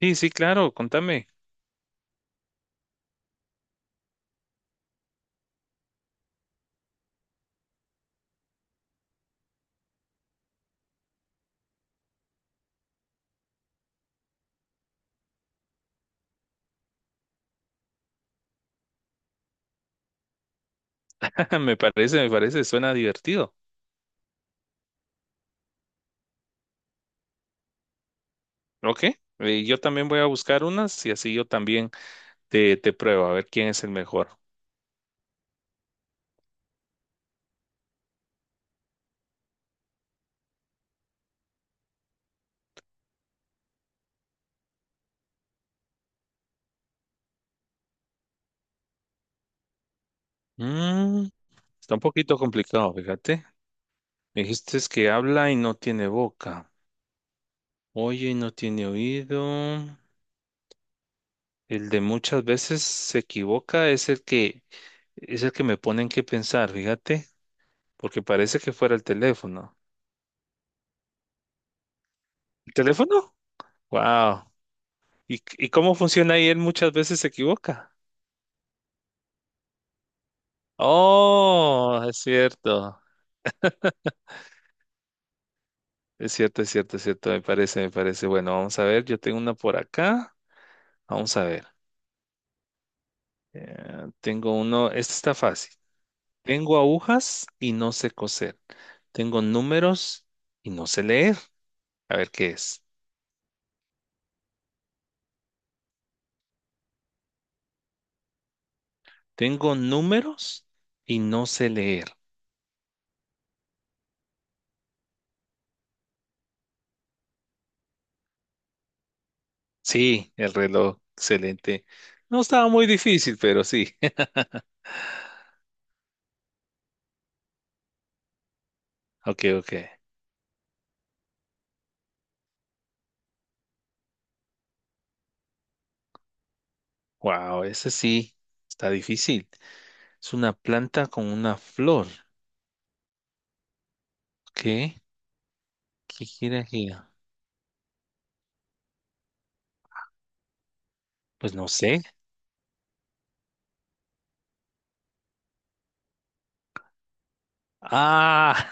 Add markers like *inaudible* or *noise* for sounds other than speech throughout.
Sí, sí, claro, contame. *laughs* Me parece, suena divertido. Ok, yo también voy a buscar unas y así yo también te pruebo a ver quién es el mejor. Mm, está un poquito complicado, fíjate. Me dijiste es que habla y no tiene boca, oye y no tiene oído. El de muchas veces se equivoca es el que me ponen que pensar, fíjate, porque parece que fuera el teléfono. ¿El teléfono? Wow. ¿Y cómo funciona ahí? Él muchas veces se equivoca. Oh, es cierto. Es cierto, es cierto, es cierto. Me parece, me parece. Bueno, vamos a ver. Yo tengo una por acá. Vamos a ver. Tengo uno. Este está fácil. Tengo agujas y no sé coser. Tengo números y no sé leer. A ver qué es. Tengo números y no sé leer. Sí, el reloj. Excelente. No estaba muy difícil, pero sí. *laughs* Ok, ok. Wow, ese sí está difícil. Es una planta con una flor. ¿Qué? ¿Qué gira, gira? Pues no sé. Ah,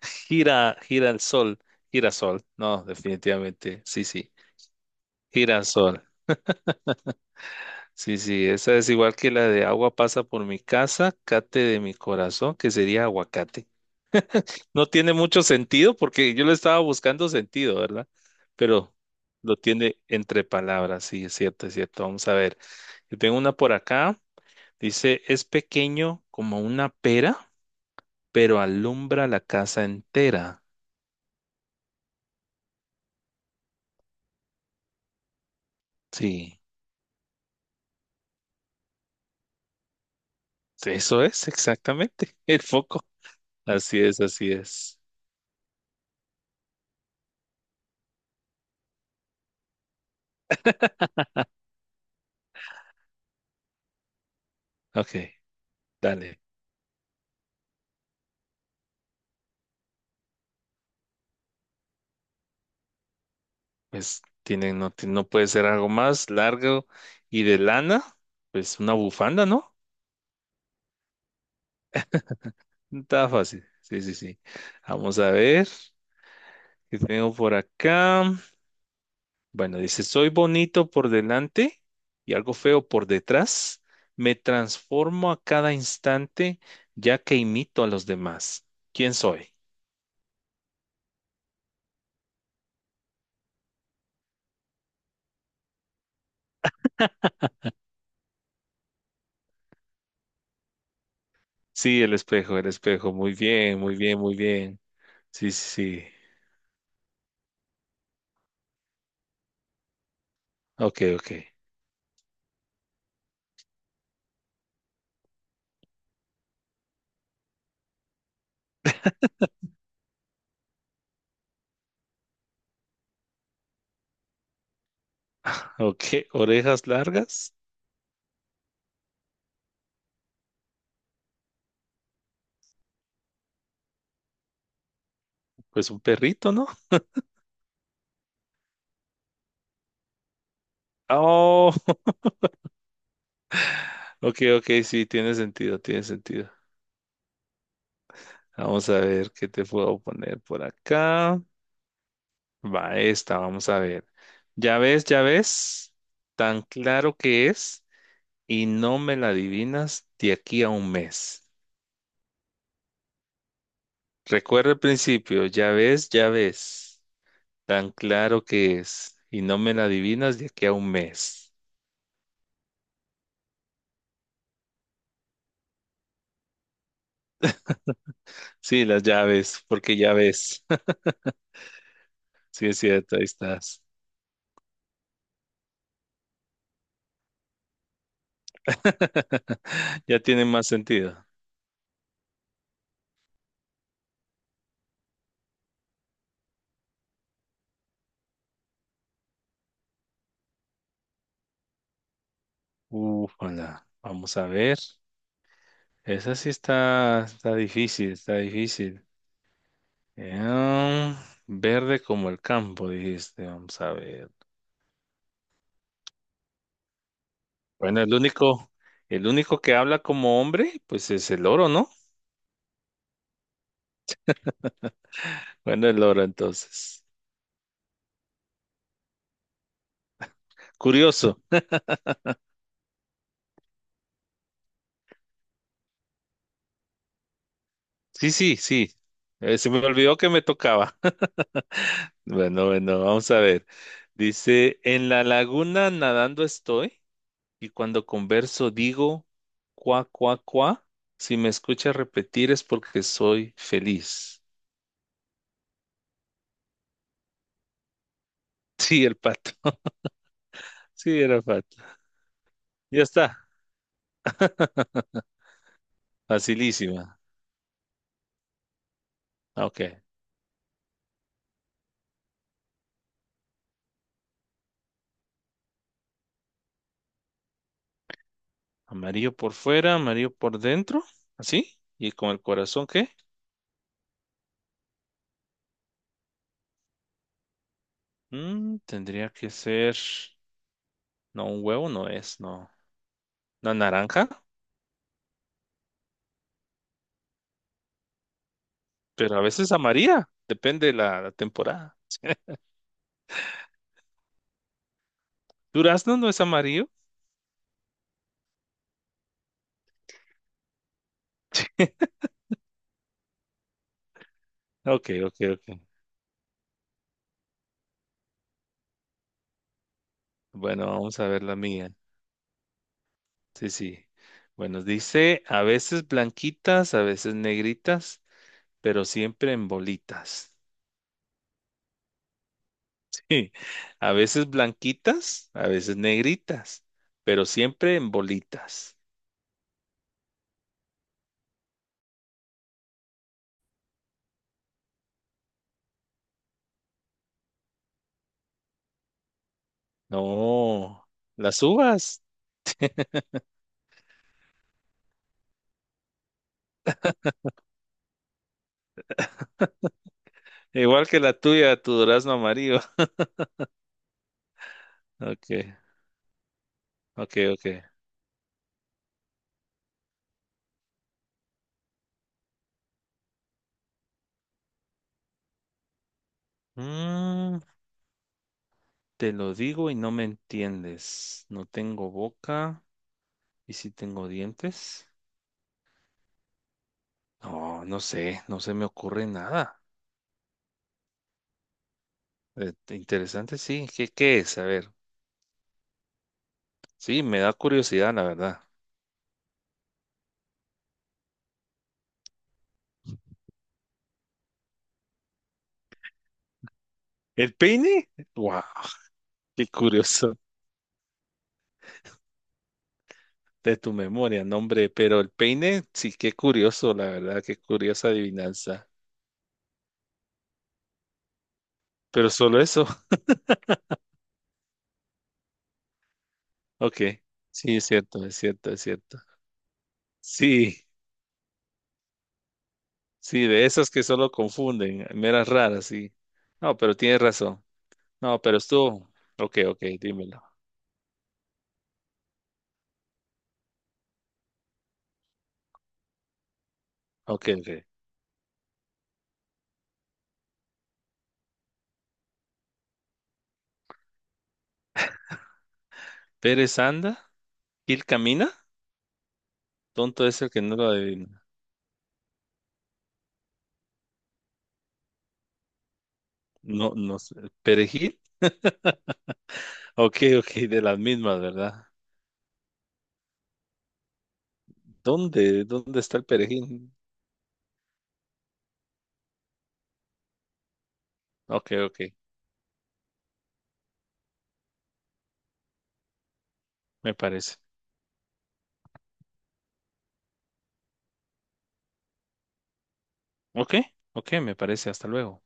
*laughs* gira, gira el sol, girasol. No, definitivamente, sí, sí, girasol. Sí, sí, esa es igual que la de agua pasa por mi casa, cate de mi corazón, que sería aguacate. No tiene mucho sentido porque yo le estaba buscando sentido, ¿verdad? Pero lo tiene entre palabras, sí, es cierto, es cierto. Vamos a ver. Yo tengo una por acá. Dice, es pequeño como una pera pero alumbra la casa entera. Sí, eso es exactamente *laughs* el foco. Así es, así es. Ok, dale. Pues tiene, no, no puede ser algo más largo y de lana. Pues una bufanda, ¿no? Está fácil. Sí, sí, sí. Vamos a ver qué tengo por acá. Bueno, dice, soy bonito por delante y algo feo por detrás. Me transformo a cada instante ya que imito a los demás. ¿Quién soy? Sí, el espejo, el espejo. Muy bien, muy bien, muy bien. Sí, sí, sí. Ok, ok. Ok, orejas largas. Pues un perrito, ¿no? Oh, *laughs* ok, ok, sí, tiene sentido, tiene sentido. Vamos a ver qué te puedo poner por acá. Va esta, vamos a ver. Ya ves, tan claro que es y no me la adivinas de aquí a un mes. Recuerda el principio, ya ves, ya ves. Tan claro que es. Y no me la adivinas de aquí a un mes. Sí, las llaves, porque ya ves. *laughs* Sí, es cierto, ahí estás. *laughs* Ya tiene más sentido. Ufala. Vamos a ver. Esa sí está, está difícil, está difícil. Em, verde como el campo, dijiste. Vamos a ver. Bueno, el único que habla como hombre, pues es el oro, ¿no? *laughs* Bueno, el oro entonces. Curioso. Sí, sí, sí. Se me olvidó que me tocaba. *laughs* Bueno, bueno, vamos a ver. Dice, en la laguna nadando estoy y cuando converso digo, cuá, cuá, cuá. Si me escuchas repetir es porque soy feliz. *laughs* Sí, el pato. *laughs* Sí, era pato. Ya está. Facilísima. Ah, ok. Amarillo por fuera, amarillo por dentro. Así. ¿Y con el corazón qué? Mm, tendría que ser... No, un huevo no es, no. ¿Una naranja? Pero a veces amarilla, depende de la, la temporada. Durazno no es amarillo. *laughs* Ok, ok, ok. Bueno, vamos a ver la mía. Sí, sí. Bueno, dice, a veces blanquitas, a veces negritas, pero siempre en bolitas. *laughs* Sí, a veces blanquitas, a veces negritas, pero siempre en bolitas. No, las uvas, igual que la tuya, tu durazno amarillo. *laughs* Ok, ok, ok. Mm, te lo digo y no me entiendes. No tengo boca y si tengo dientes. No, no sé, no se me ocurre nada. Interesante, sí. ¿Qué es? A ver. Sí, me da curiosidad, la verdad. ¿El peine? ¡Wow! Qué curioso. *laughs* De tu memoria, nombre. Pero el peine, sí, qué curioso, la verdad. Qué curiosa adivinanza. Pero solo eso. *laughs* Ok. Sí, es cierto, es cierto, es cierto. Sí. Sí, de esas que solo confunden, meras raras, sí. No, pero tienes razón. No, pero estuvo. Ok, ok, dímelo. Ok, ok. Pérez anda, Gil camina. Tonto es el que no lo adivina. No, no sé. ¿Perejil? Ok, ok, de las mismas, ¿verdad? ¿Dónde? ¿Dónde está el perejil? Ok, ok, me parece. Ok, ok, me parece. Hasta luego.